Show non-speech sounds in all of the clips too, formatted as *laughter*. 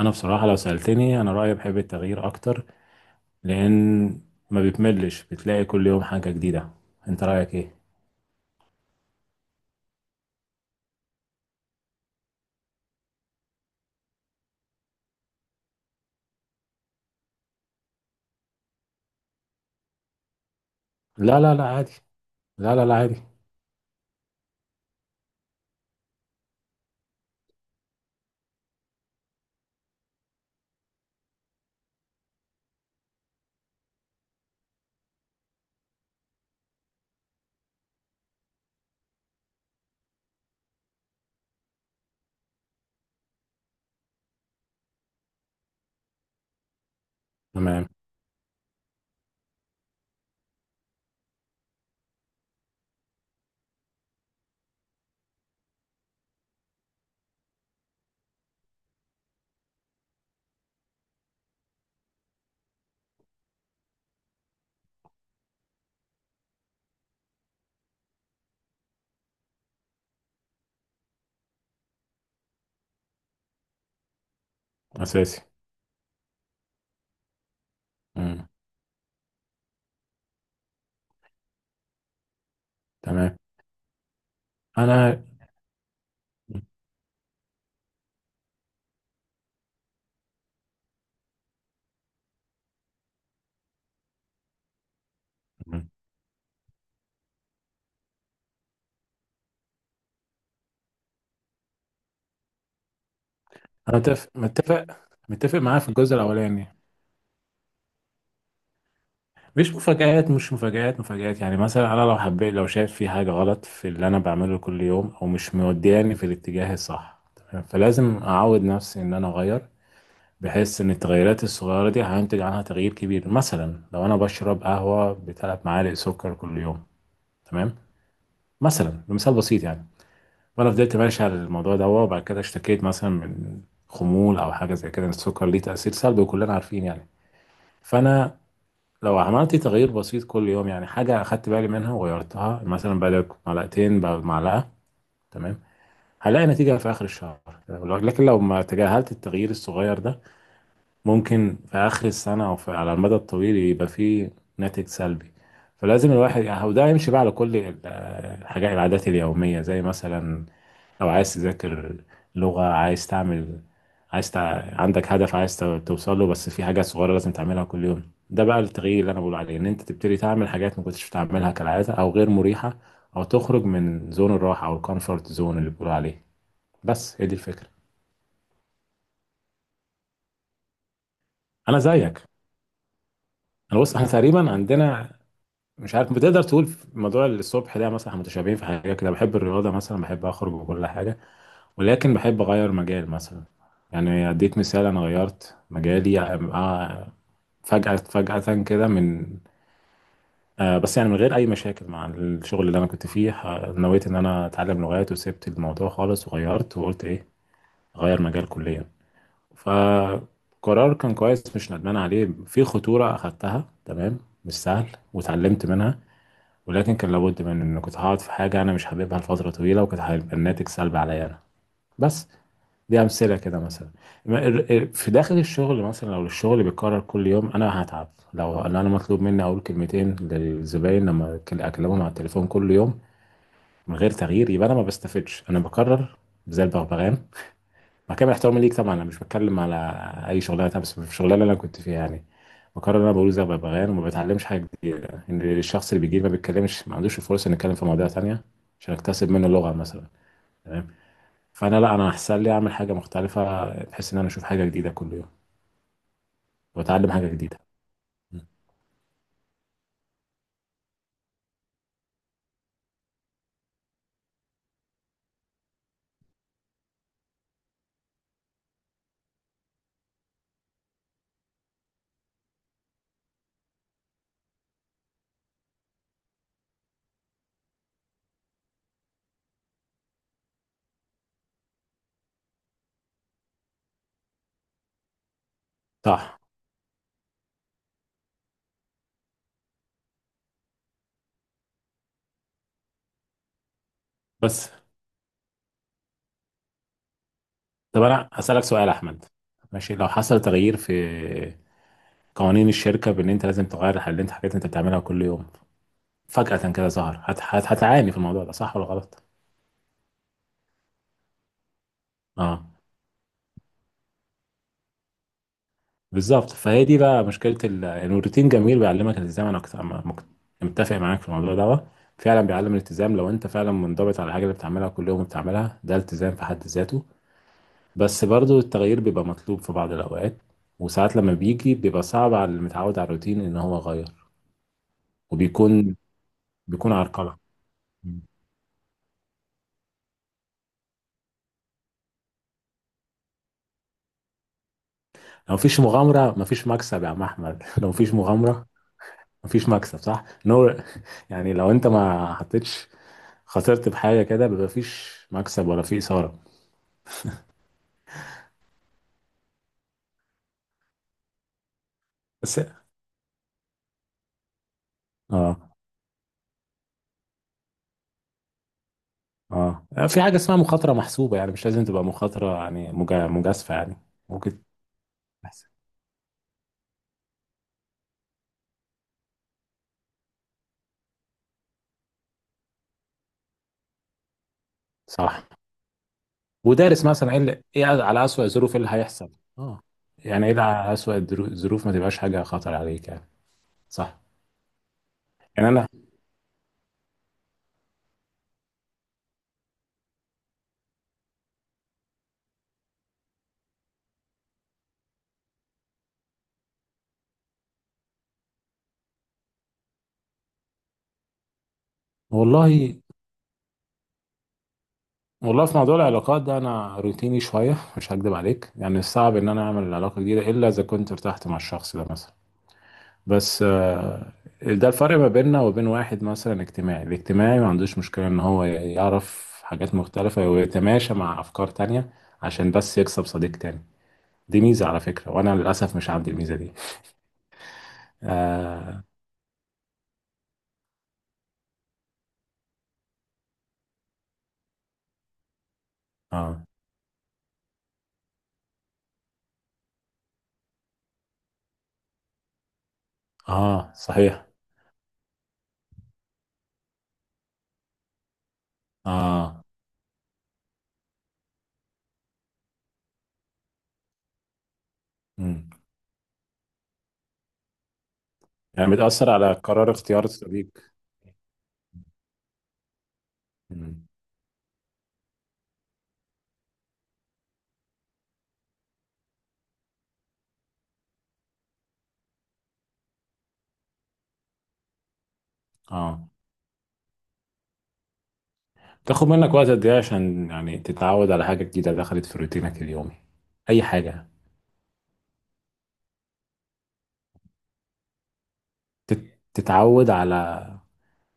انا بصراحه لو سالتني انا رايي بحب التغيير اكتر، لان ما بتملش، بتلاقي كل يوم حاجه جديده. انت رايك ايه؟ لا لا لا، عادي. لا لا لا، عادي. تمام. اساسي. مم. تمام. انا. مم. انا متفق معاه في الجزء الاولاني. مش مفاجآت مش مفاجآت مفاجآت يعني مثلا انا لو شايف في حاجه غلط في اللي انا بعمله كل يوم او مش مودياني في الاتجاه الصح، تمام، فلازم اعود نفسي ان انا اغير. بحس ان التغيرات الصغيرة دي هينتج عنها تغيير كبير. مثلا لو انا بشرب قهوة بثلاث معالق سكر كل يوم، تمام، مثلا بمثال بسيط يعني، وانا فضلت ماشي على الموضوع ده وبعد كده اشتكيت مثلا من خمول او حاجة زي كده، إن السكر ليه تأثير سلبي وكلنا عارفين يعني. فانا لو عملت تغيير بسيط كل يوم، يعني حاجة اخدت بالي منها وغيرتها، مثلا بدل معلقتين بقى معلقة، تمام، هلاقي نتيجة في آخر الشهر. لكن لو ما تجاهلت التغيير الصغير ده، ممكن في آخر السنة أو في على المدى الطويل يبقى فيه ناتج سلبي. فلازم الواحد يعني، وده يمشي بقى على كل الحاجات، العادات اليومية، زي مثلا لو عايز تذاكر لغة، عايز تعمل، عايز تع... عندك هدف عايز توصل له، بس في حاجات صغيرة لازم تعملها كل يوم. ده بقى التغيير اللي أنا بقول عليه، إن أنت تبتدي تعمل حاجات ما كنتش بتعملها كالعادة أو غير مريحة، أو تخرج من زون الراحة أو الكومفورت زون اللي بيقولوا عليه. بس هي دي الفكرة. أنا زيك. انا بص، احنا تقريبا عندنا، مش عارف بتقدر تقول في موضوع الصبح ده مثلا احنا متشابهين في حاجه كده، بحب الرياضه مثلا، بحب اخرج وكل حاجه، ولكن بحب اغير مجال مثلا. يعني اديك مثال، انا غيرت مجالي فجاه فجاه كده من بس يعني من غير اي مشاكل مع الشغل اللي انا كنت فيه، نويت ان انا اتعلم لغات وسبت الموضوع خالص وغيرت وقلت ايه، غير مجال كليا. فقرار كان كويس، مش ندمان عليه. في خطوره اخدتها، تمام، مش سهل واتعلمت منها. ولكن كان لابد، من ان كنت هقعد في حاجه انا مش حاببها لفتره طويله وكانت هيبقى الناتج سلبي عليا انا. بس دي امثله كده مثلا. في داخل الشغل مثلا، لو الشغل بيتكرر كل يوم انا هتعب. لو أنا مطلوب مني اقول كلمتين للزباين لما اكلمهم على التليفون كل يوم من غير تغيير، يبقى انا ما بستفدش، انا بكرر زي البغبغان. مع كامل احترامي ليك طبعا، انا مش بتكلم على اي شغلانه تانية، بس في الشغلانه اللي انا كنت فيها يعني، بقرر ان انا بقول زي ببغان وما بتعلمش حاجه جديده. ان الشخص اللي بيجي لي ما بيتكلمش، ما عندوش الفرصه انه يتكلم في مواضيع تانية عشان اكتسب منه لغه مثلا، تمام. فانا لا، انا احسن لي اعمل حاجه مختلفه بحيث ان انا اشوف حاجه جديده كل يوم واتعلم حاجه جديده. م. صح. بس طب انا هسالك سؤال يا احمد، ماشي؟ لو حصل تغيير في قوانين الشركه، بان انت لازم تغير الحاجات اللي انت حاجات انت بتعملها كل يوم، فجاه كده ظهر، هتعاني في الموضوع ده، صح ولا غلط؟ اه بالظبط. فهي دي بقى مشكله يعني الروتين جميل، بيعلمك الالتزام. انا كنت مك- متفق معاك في الموضوع ده. فعلا بيعلم الالتزام. لو انت فعلا منضبط على الحاجه اللي بتعملها كل يوم بتعملها، ده التزام في حد ذاته. بس برضو التغيير بيبقى مطلوب في بعض الاوقات، وساعات لما بيجي بيبقى صعب على اللي متعود على الروتين ان هو يغير، وبيكون عرقله. مم. لو مفيش مغامره مفيش مكسب يا عم احمد *laughs* لو مفيش مغامره مفيش مكسب، صح؟ ان هو *laughs* يعني لو انت ما حطيتش، خسرت بحاجه كده، بيبقى مفيش مكسب ولا في اثاره. بس اه. اه، في حاجه اسمها مخاطره محسوبه، يعني مش لازم تبقى مخاطره، يعني مجازفه يعني. ممكن تحسب. صح. ودارس مثلا ايه اللي، ايه على اسوأ الظروف اللي هيحصل. اه. يعني ايه اللي على اسوأ الظروف، ما تبقاش حاجه خطر عليك يعني. صح. يعني انا، والله والله، في موضوع العلاقات ده انا روتيني شويه، مش هكدب عليك. يعني صعب ان انا اعمل علاقه جديده الا اذا كنت ارتحت مع الشخص ده مثلا. بس ده الفرق ما بيننا وبين واحد مثلا اجتماعي. الاجتماعي ما عندوش مشكله ان هو يعرف حاجات مختلفه ويتماشى مع افكار تانية عشان بس يكسب صديق تاني. دي ميزه على فكره، وانا للاسف مش عندي الميزه دي. اه. اه. آه صحيح. اه. مم. يعني بتاثر على قرار اختيار الصديق. مم. اه. تاخد منك وقت قد ايه عشان يعني تتعود على حاجة جديدة دخلت في روتينك اليومي، أي حاجة؟ تتعود على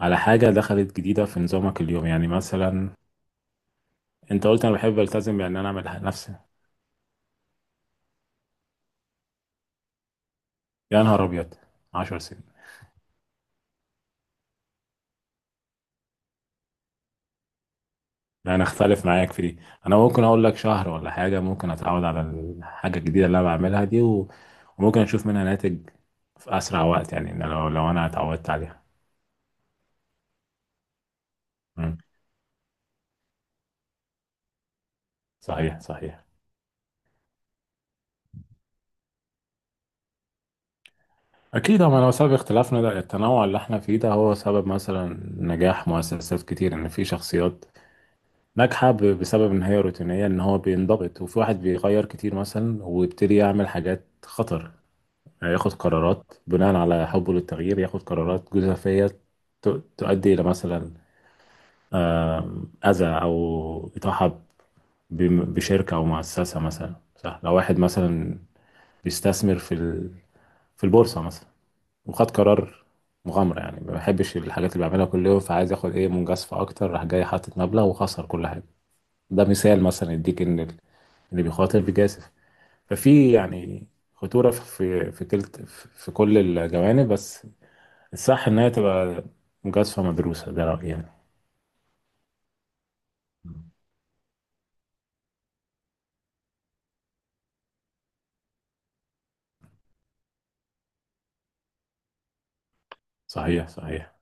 على حاجة دخلت جديدة في نظامك اليومي، يعني مثلا أنت قلت أنا بحب ألتزم بأن أنا أعمل نفسي. يا نهار أبيض، 10 سنين؟ لا أنا أختلف معاك في دي. أنا ممكن أقول لك شهر ولا حاجة ممكن أتعود على الحاجة الجديدة اللي أنا بعملها دي، وممكن أشوف منها ناتج في أسرع وقت، يعني إن لو أنا اتعودت عليها. مم. صحيح صحيح. أكيد، هو لو سبب اختلافنا ده التنوع اللي احنا فيه ده، هو سبب مثلا نجاح مؤسسات كتير، إن في شخصيات ناجحة بسبب إن هي روتينية، إن هو بينضبط، وفي واحد بيغير كتير مثلا ويبتدي يعمل حاجات خطر، يعني ياخد قرارات بناء على حبه للتغيير، ياخد قرارات جزافية ت- تؤدي إلى مثلا أذى أو إطاحة بشركة أو مؤسسة مثلا. صح، لو واحد مثلا بيستثمر في في البورصة مثلا، وخد قرار مغامرة، يعني ما بحبش الحاجات اللي بعملها كل يوم فعايز ياخد ايه، مجازفة اكتر، راح جاي حاطط مبلغ وخسر كل حاجة. ده مثال مثلا يديك ان اللي بيخاطر بيجازف، ففي يعني خطورة في في كلت في في كل الجوانب. بس الصح ان هي تبقى مجازفة مدروسة. ده رأيي يعني. صحيح صحيح.